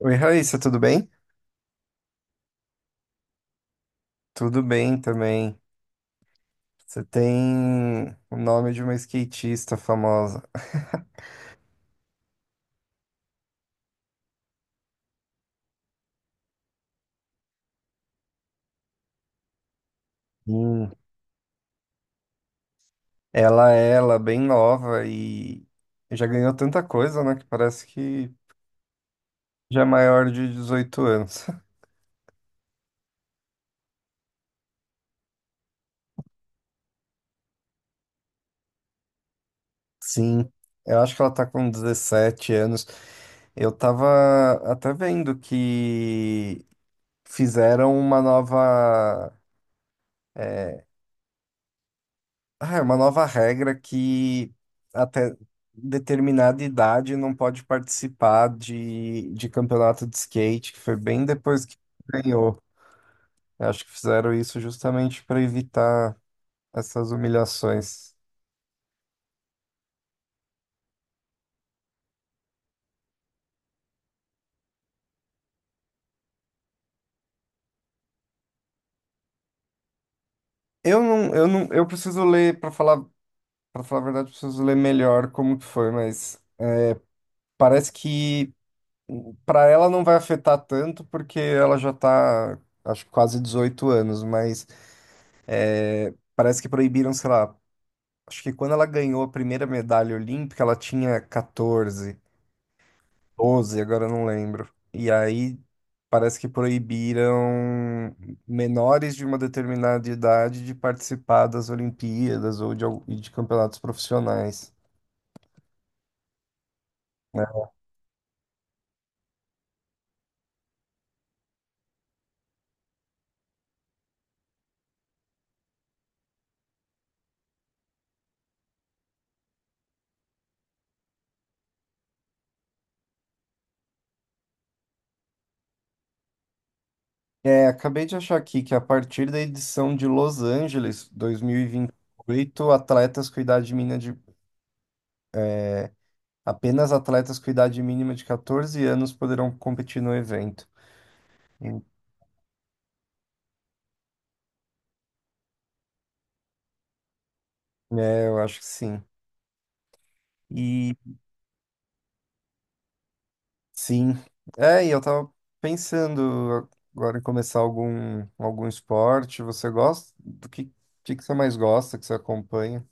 Oi, Raíssa, tudo bem? Tudo bem também. Você tem o nome de uma skatista famosa. Sim. Ela é bem nova e já ganhou tanta coisa, né? Que parece que já é maior de 18 anos. Sim, eu acho que ela tá com 17 anos. Eu tava até vendo que fizeram uma nova. eh, Ah, é uma nova regra que até determinada idade não pode participar de campeonato de skate, que foi bem depois que ganhou. Eu acho que fizeram isso justamente para evitar essas humilhações. Eu não, eu não, eu preciso ler para falar a verdade, eu preciso ler melhor como que foi, mas parece que para ela não vai afetar tanto porque ela já tá, acho que quase 18 anos, mas parece que proibiram, sei lá. Acho que quando ela ganhou a primeira medalha olímpica, ela tinha 14, 12, agora eu não lembro. E aí parece que proibiram menores de uma determinada idade de participar das Olimpíadas ou de, al- e de campeonatos profissionais, né? É, acabei de achar aqui que a partir da edição de Los Angeles, dois mil e vinte e oito atletas com idade mínima de apenas atletas com idade mínima de 14 anos poderão competir no evento. Hum. É, eu acho que sim. Sim. É, e eu tava pensando agora em começar algum esporte. Você gosta? Do que, que você mais gosta, que você acompanha?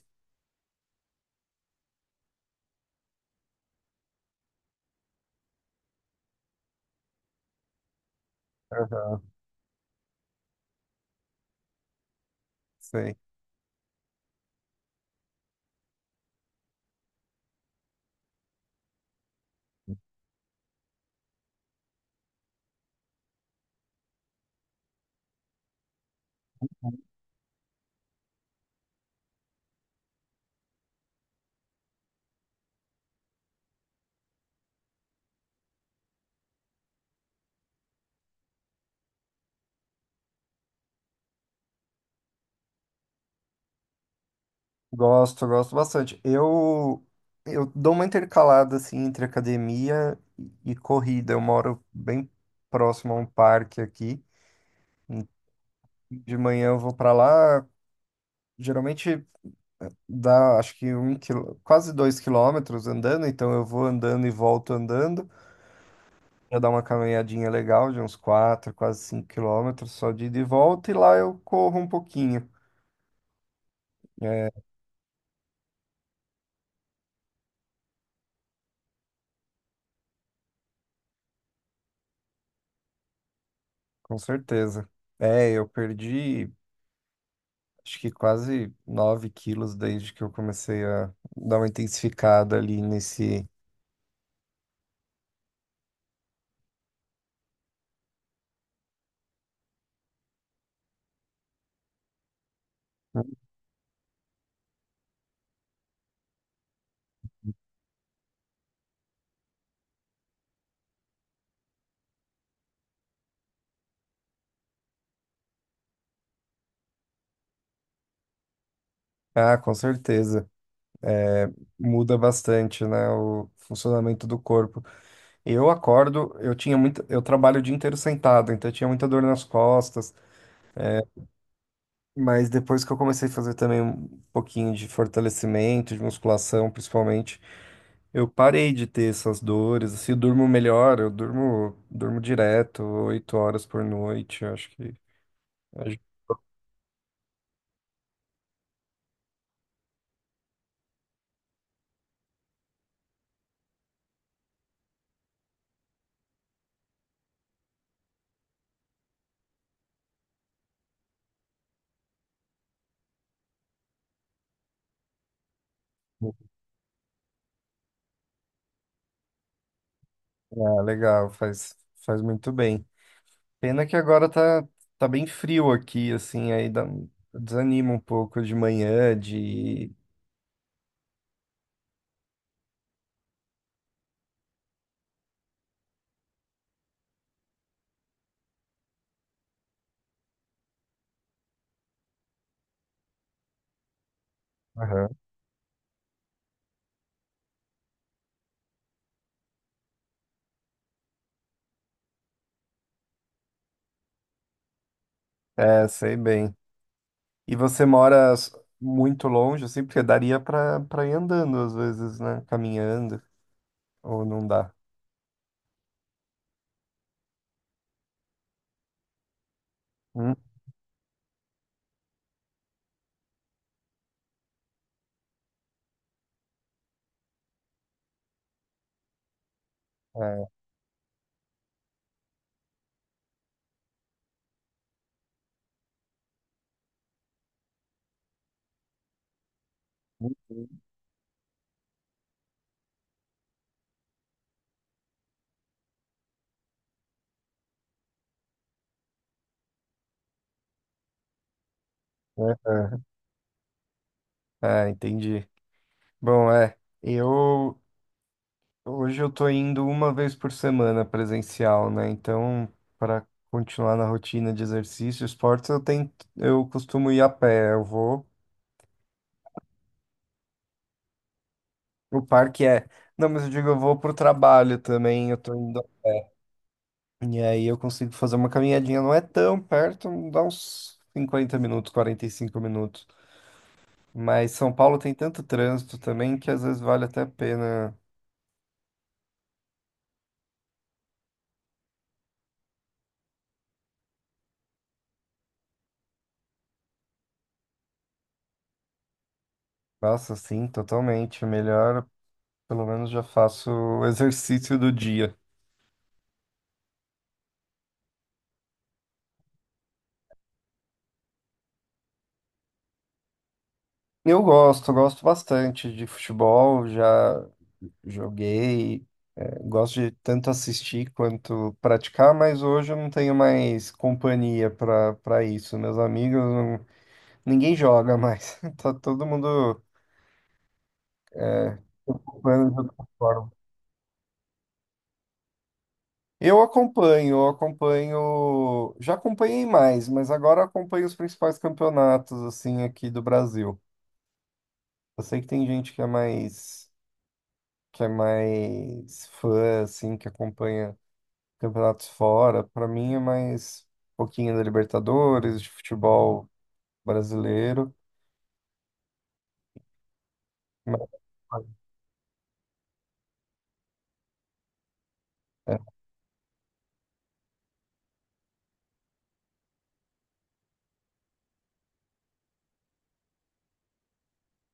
Aham, sei. Gosto, gosto bastante. Eu dou uma intercalada, assim, entre academia e corrida. Eu moro bem próximo a um parque aqui. De manhã eu vou para lá, geralmente dá, acho que um quilo, quase 2 quilômetros andando, então eu vou andando e volto andando. Eu dar uma caminhadinha legal de uns 4, quase 5 quilômetros só de ida e volta, e lá eu corro um pouquinho. É, com certeza. É, eu perdi acho que quase 9 quilos desde que eu comecei a dar uma intensificada ali nesse. Ah, com certeza. É, muda bastante, né, o funcionamento do corpo. Eu acordo, eu tinha muito, eu trabalho o dia inteiro sentado, então eu tinha muita dor nas costas. Mas depois que eu comecei a fazer também um pouquinho de fortalecimento, de musculação, principalmente, eu parei de ter essas dores. Assim, eu durmo melhor, eu durmo direto, 8 horas por noite. Eu acho que ajuda. É legal, faz muito bem. Pena que agora tá bem frio aqui, assim, aí desanima um pouco de manhã, de. Aham. É, sei bem. E você mora muito longe, assim, porque daria pra ir andando às vezes, né? Caminhando, ou não dá. Hum? É, é, é, é, entendi. Bom, é, eu hoje eu tô indo uma vez por semana presencial, né? Então, para continuar na rotina de exercício, esportes, eu tento, eu costumo ir a pé, eu vou. O parque é. Não, mas eu digo, eu vou pro trabalho também, eu tô indo. E aí eu consigo fazer uma caminhadinha, não é tão perto, dá uns 50 minutos, 45 minutos. Mas São Paulo tem tanto trânsito também que às vezes vale até a pena. Nossa, sim, totalmente. É melhor, pelo menos já faço o exercício do dia. Eu gosto, gosto bastante de futebol, já joguei, gosto de tanto assistir quanto praticar, mas hoje eu não tenho mais companhia para isso. Meus amigos. Ninguém joga mais. Tá todo mundo é, ocupando de outra forma. Eu acompanho, eu acompanho. Já acompanhei mais, mas agora acompanho os principais campeonatos assim aqui do Brasil. Eu sei que tem gente que é mais fã assim, que acompanha campeonatos fora. Para mim é mais um pouquinho da Libertadores, de futebol brasileiro. mas-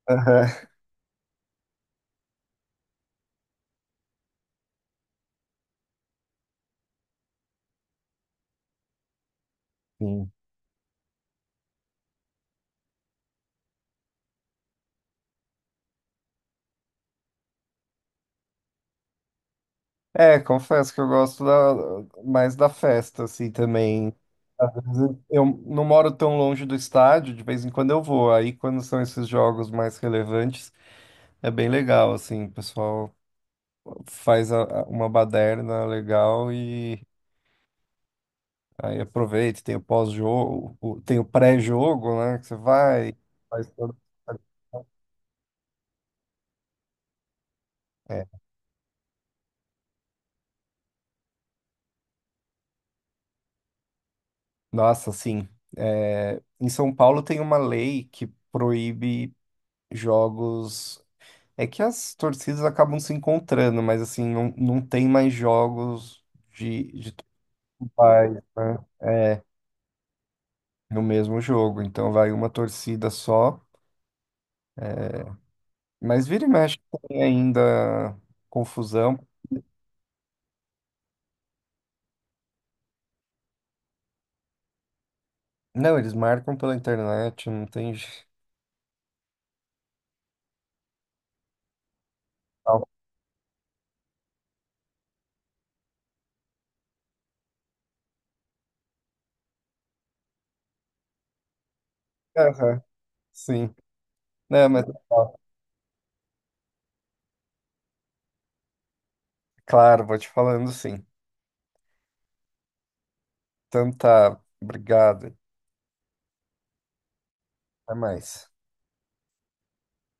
Sim. É, confesso que eu gosto mais da festa, assim, também. Às vezes eu não moro tão longe do estádio, de vez em quando eu vou. Aí, quando são esses jogos mais relevantes, é bem legal, assim, o pessoal faz uma baderna legal e aí aproveita, tem o pós-jogo, tem o pré-jogo, né, que você vai, faz todo... É. Nossa, assim, em São Paulo tem uma lei que proíbe jogos. É que as torcidas acabam se encontrando, mas assim, não, não tem mais jogos de todos os pais, né? É, no mesmo jogo. Então vai uma torcida só. Mas vira e mexe tem ainda confusão. Não, eles marcam pela internet, não tem jeito. Aham, sim. Não, mas ó, claro, vou te falando sim. Então tá, obrigado. Até mais.